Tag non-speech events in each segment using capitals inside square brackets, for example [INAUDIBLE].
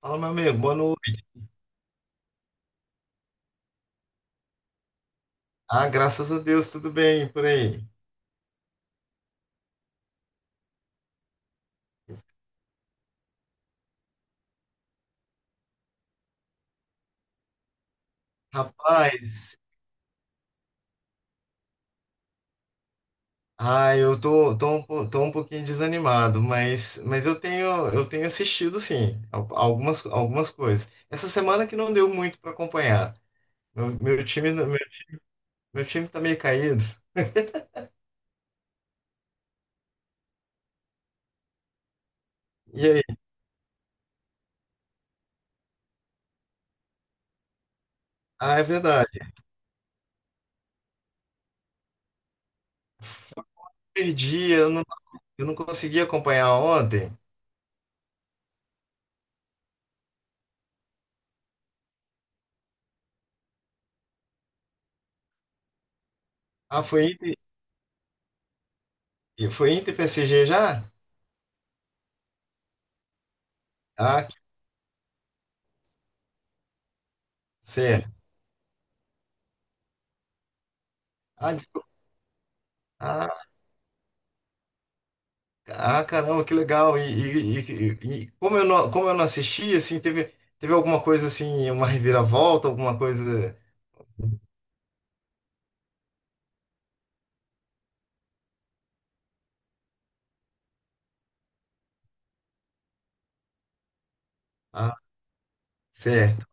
Fala, meu amigo, boa noite. Ah, graças a Deus, tudo bem por aí. Rapaz, ah, eu tô um pouquinho desanimado, mas eu tenho assistido, sim, algumas coisas. Essa semana que não deu muito para acompanhar. Meu, meu time, meu, meu time tá meio caído. E aí? Ah, é verdade. Eu perdi, eu não consegui acompanhar ontem. Ah, foi Inter e PSG já? Ah, certo. Ah, Ah, caramba, que legal. E como eu não assisti, assim, teve alguma coisa assim, uma reviravolta, alguma coisa. Ah, certo.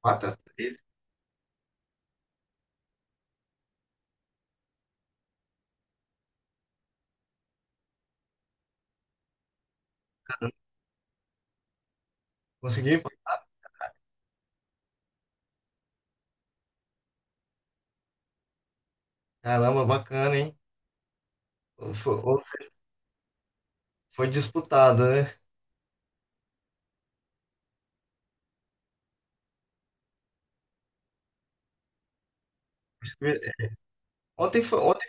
4-3. Conseguiu? Caramba, bacana, hein? Foi, ou seja, foi disputada, né? Ontem foi, ontem,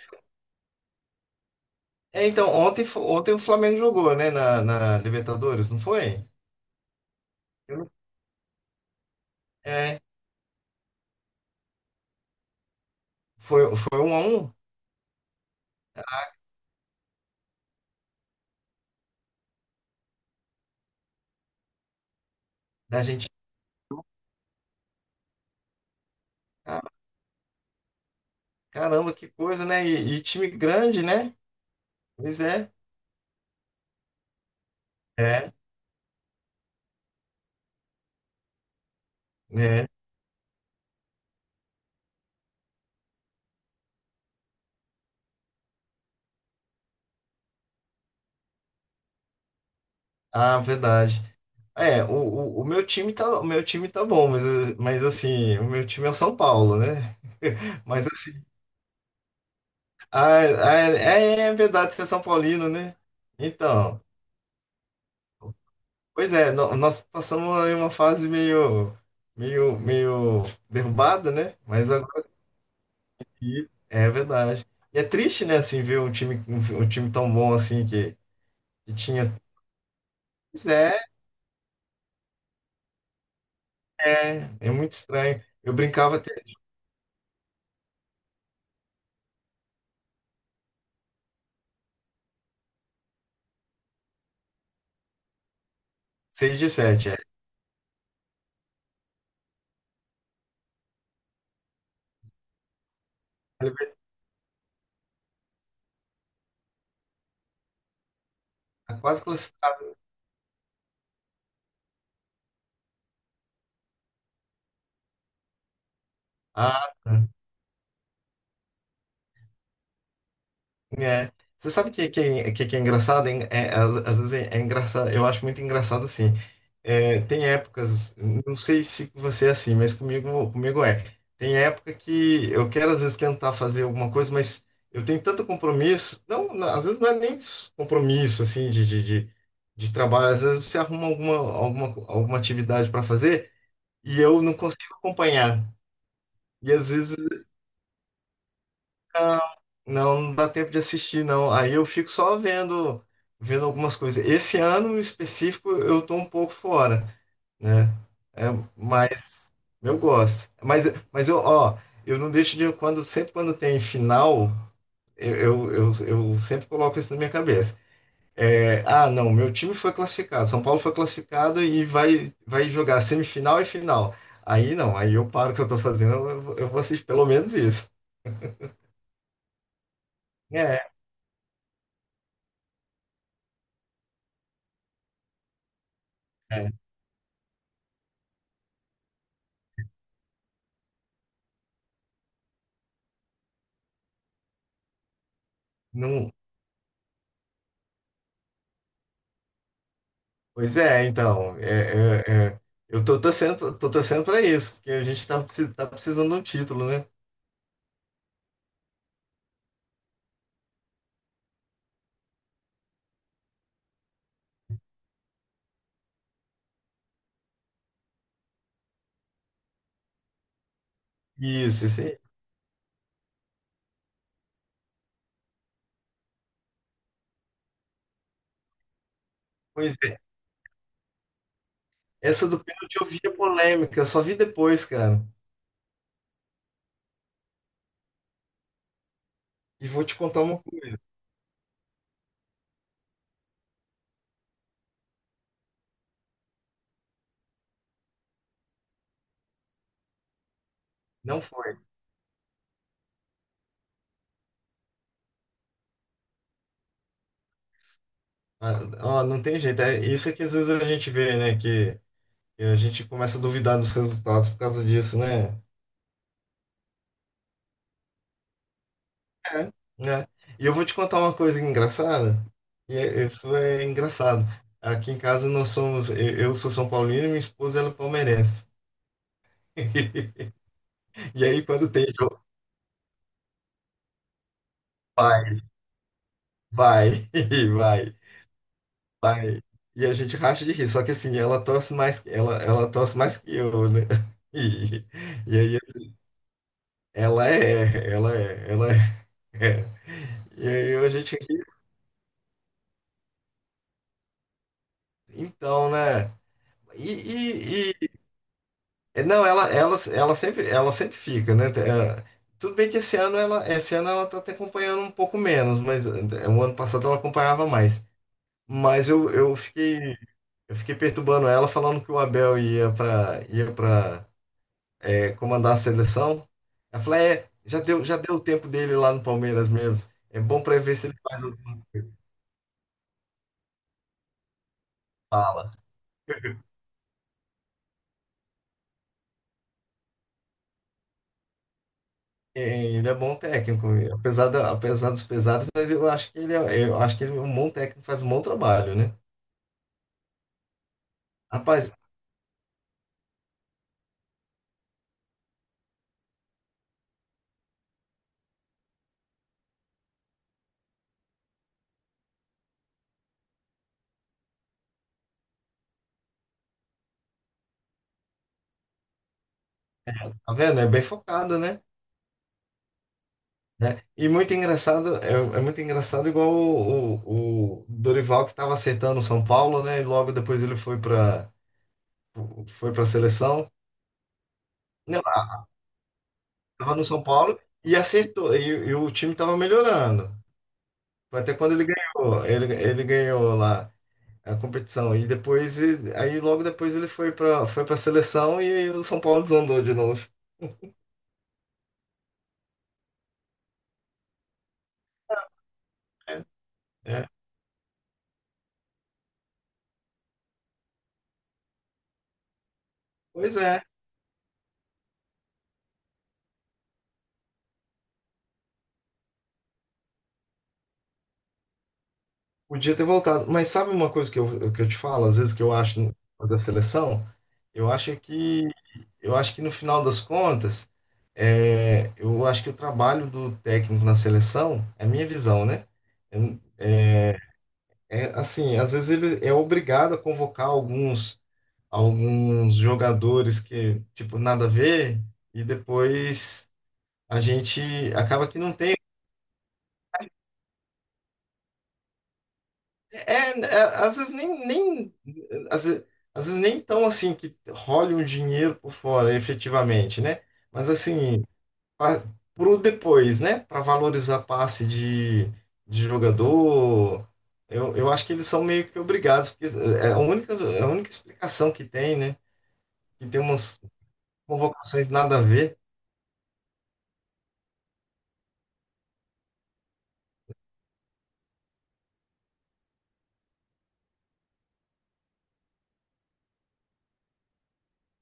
é, então, ontem o Flamengo jogou, né, na Libertadores, não foi? Eu não- É, foi 1-1 da gente. Caramba, que coisa, né? E time grande, né? Pois é. É, né? Ah, verdade. É, o meu time tá, o meu time tá bom, mas assim, o meu time é o São Paulo, né? [LAUGHS] Mas assim, ah, é verdade, você é São Paulino, né? Então, pois é, nós passamos aí uma fase meio, meio, meio derrubada, né? Mas agora sim, é verdade. E é triste, né, assim, ver um time, um time tão bom assim que tinha. Pois é, é muito estranho. Eu brincava até 6 de 7, é. Tá quase classificado. Ah, tá. É. Você sabe o que é engraçado? Hein? É, às vezes é engraçado, eu acho muito engraçado assim. É, tem épocas, não sei se você é assim, mas comigo é. Tem época que eu quero às vezes tentar fazer alguma coisa, mas eu tenho tanto compromisso. Não, não, às vezes não é nem compromisso assim de trabalho. Às vezes você arruma alguma atividade para fazer e eu não consigo acompanhar. E às vezes Não, não dá tempo de assistir, não. Aí eu fico só vendo algumas coisas. Esse ano em específico eu tô um pouco fora, né? É, mas eu gosto. Mas eu, ó, eu não deixo de sempre quando tem final, eu, eu, eu, eu sempre coloco isso na minha cabeça. É, ah, não, meu time foi classificado, São Paulo foi classificado e vai jogar semifinal e final. Aí não, aí eu paro o que eu tô fazendo, eu vou assistir pelo menos isso. É, é. Não, pois é, então, é, é, é. Eu tô torcendo para isso, porque a gente tá precisando de um título, né? Isso aí. Pois é, essa do pênalti eu vi a polêmica, eu só vi depois, cara. E vou te contar uma coisa, não foi. Ah, ó, não tem jeito, é isso é que às vezes a gente vê, né, que a gente começa a duvidar dos resultados por causa disso, né? É, né? E eu vou te contar uma coisa engraçada, isso é engraçado. Aqui em casa nós somos, eu sou São Paulino e minha esposa ela é palmeirense. [LAUGHS] E aí, quando tem jogo, vai, vai, [LAUGHS] vai, vai. E a gente racha de rir. Só que assim, ela torce mais, ela torce mais que eu, né? [LAUGHS] E, e aí ela é, ela é, ela é. [LAUGHS] E aí a gente ri. Então, né? E, e, e- é, não, ela sempre fica, né? É, tudo bem que esse ano ela tá até acompanhando um pouco menos, mas é, o ano passado ela acompanhava mais. Mas eu fiquei perturbando ela, falando que o Abel ia para comandar a seleção. Ela falou, é, já deu o tempo dele lá no Palmeiras mesmo. É bom para ver se ele faz o que fala. É, ele é bom técnico, apesar dos pesados, mas eu acho que ele é um bom técnico, faz um bom trabalho, né? Rapaz, tá vendo? É bem focado, né? Né? E muito engraçado, é muito engraçado igual o Dorival que estava acertando o São Paulo, né? E logo depois ele foi para a seleção. Não, tava no São Paulo e acertou. E o time tava melhorando. Foi até quando ele ganhou. Ele ganhou lá a competição. E depois, aí logo depois ele foi pra, seleção e o São Paulo desandou de novo. É, é. Pois é, podia ter voltado. Mas sabe uma coisa que eu te falo, às vezes que eu acho da seleção? Eu acho que eu acho que no final das contas, é, eu acho que o trabalho do técnico na seleção, é a minha visão, né? Eu, É, assim, às vezes ele é obrigado a convocar alguns jogadores que, tipo, nada a ver, e depois a gente acaba que não tem. É, é, às vezes, às vezes nem tão assim que role um dinheiro por fora, efetivamente, né? Mas assim, para pro depois, né? Para valorizar passe de jogador, eu acho que eles são meio que obrigados, porque é a única explicação que tem, né? Que tem umas convocações nada a ver.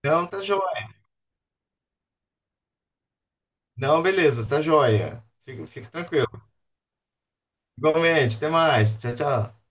Não, tá joia. Não, beleza, tá joia. Fica, fica tranquilo. Igualmente, até mais. Tchau, tchau.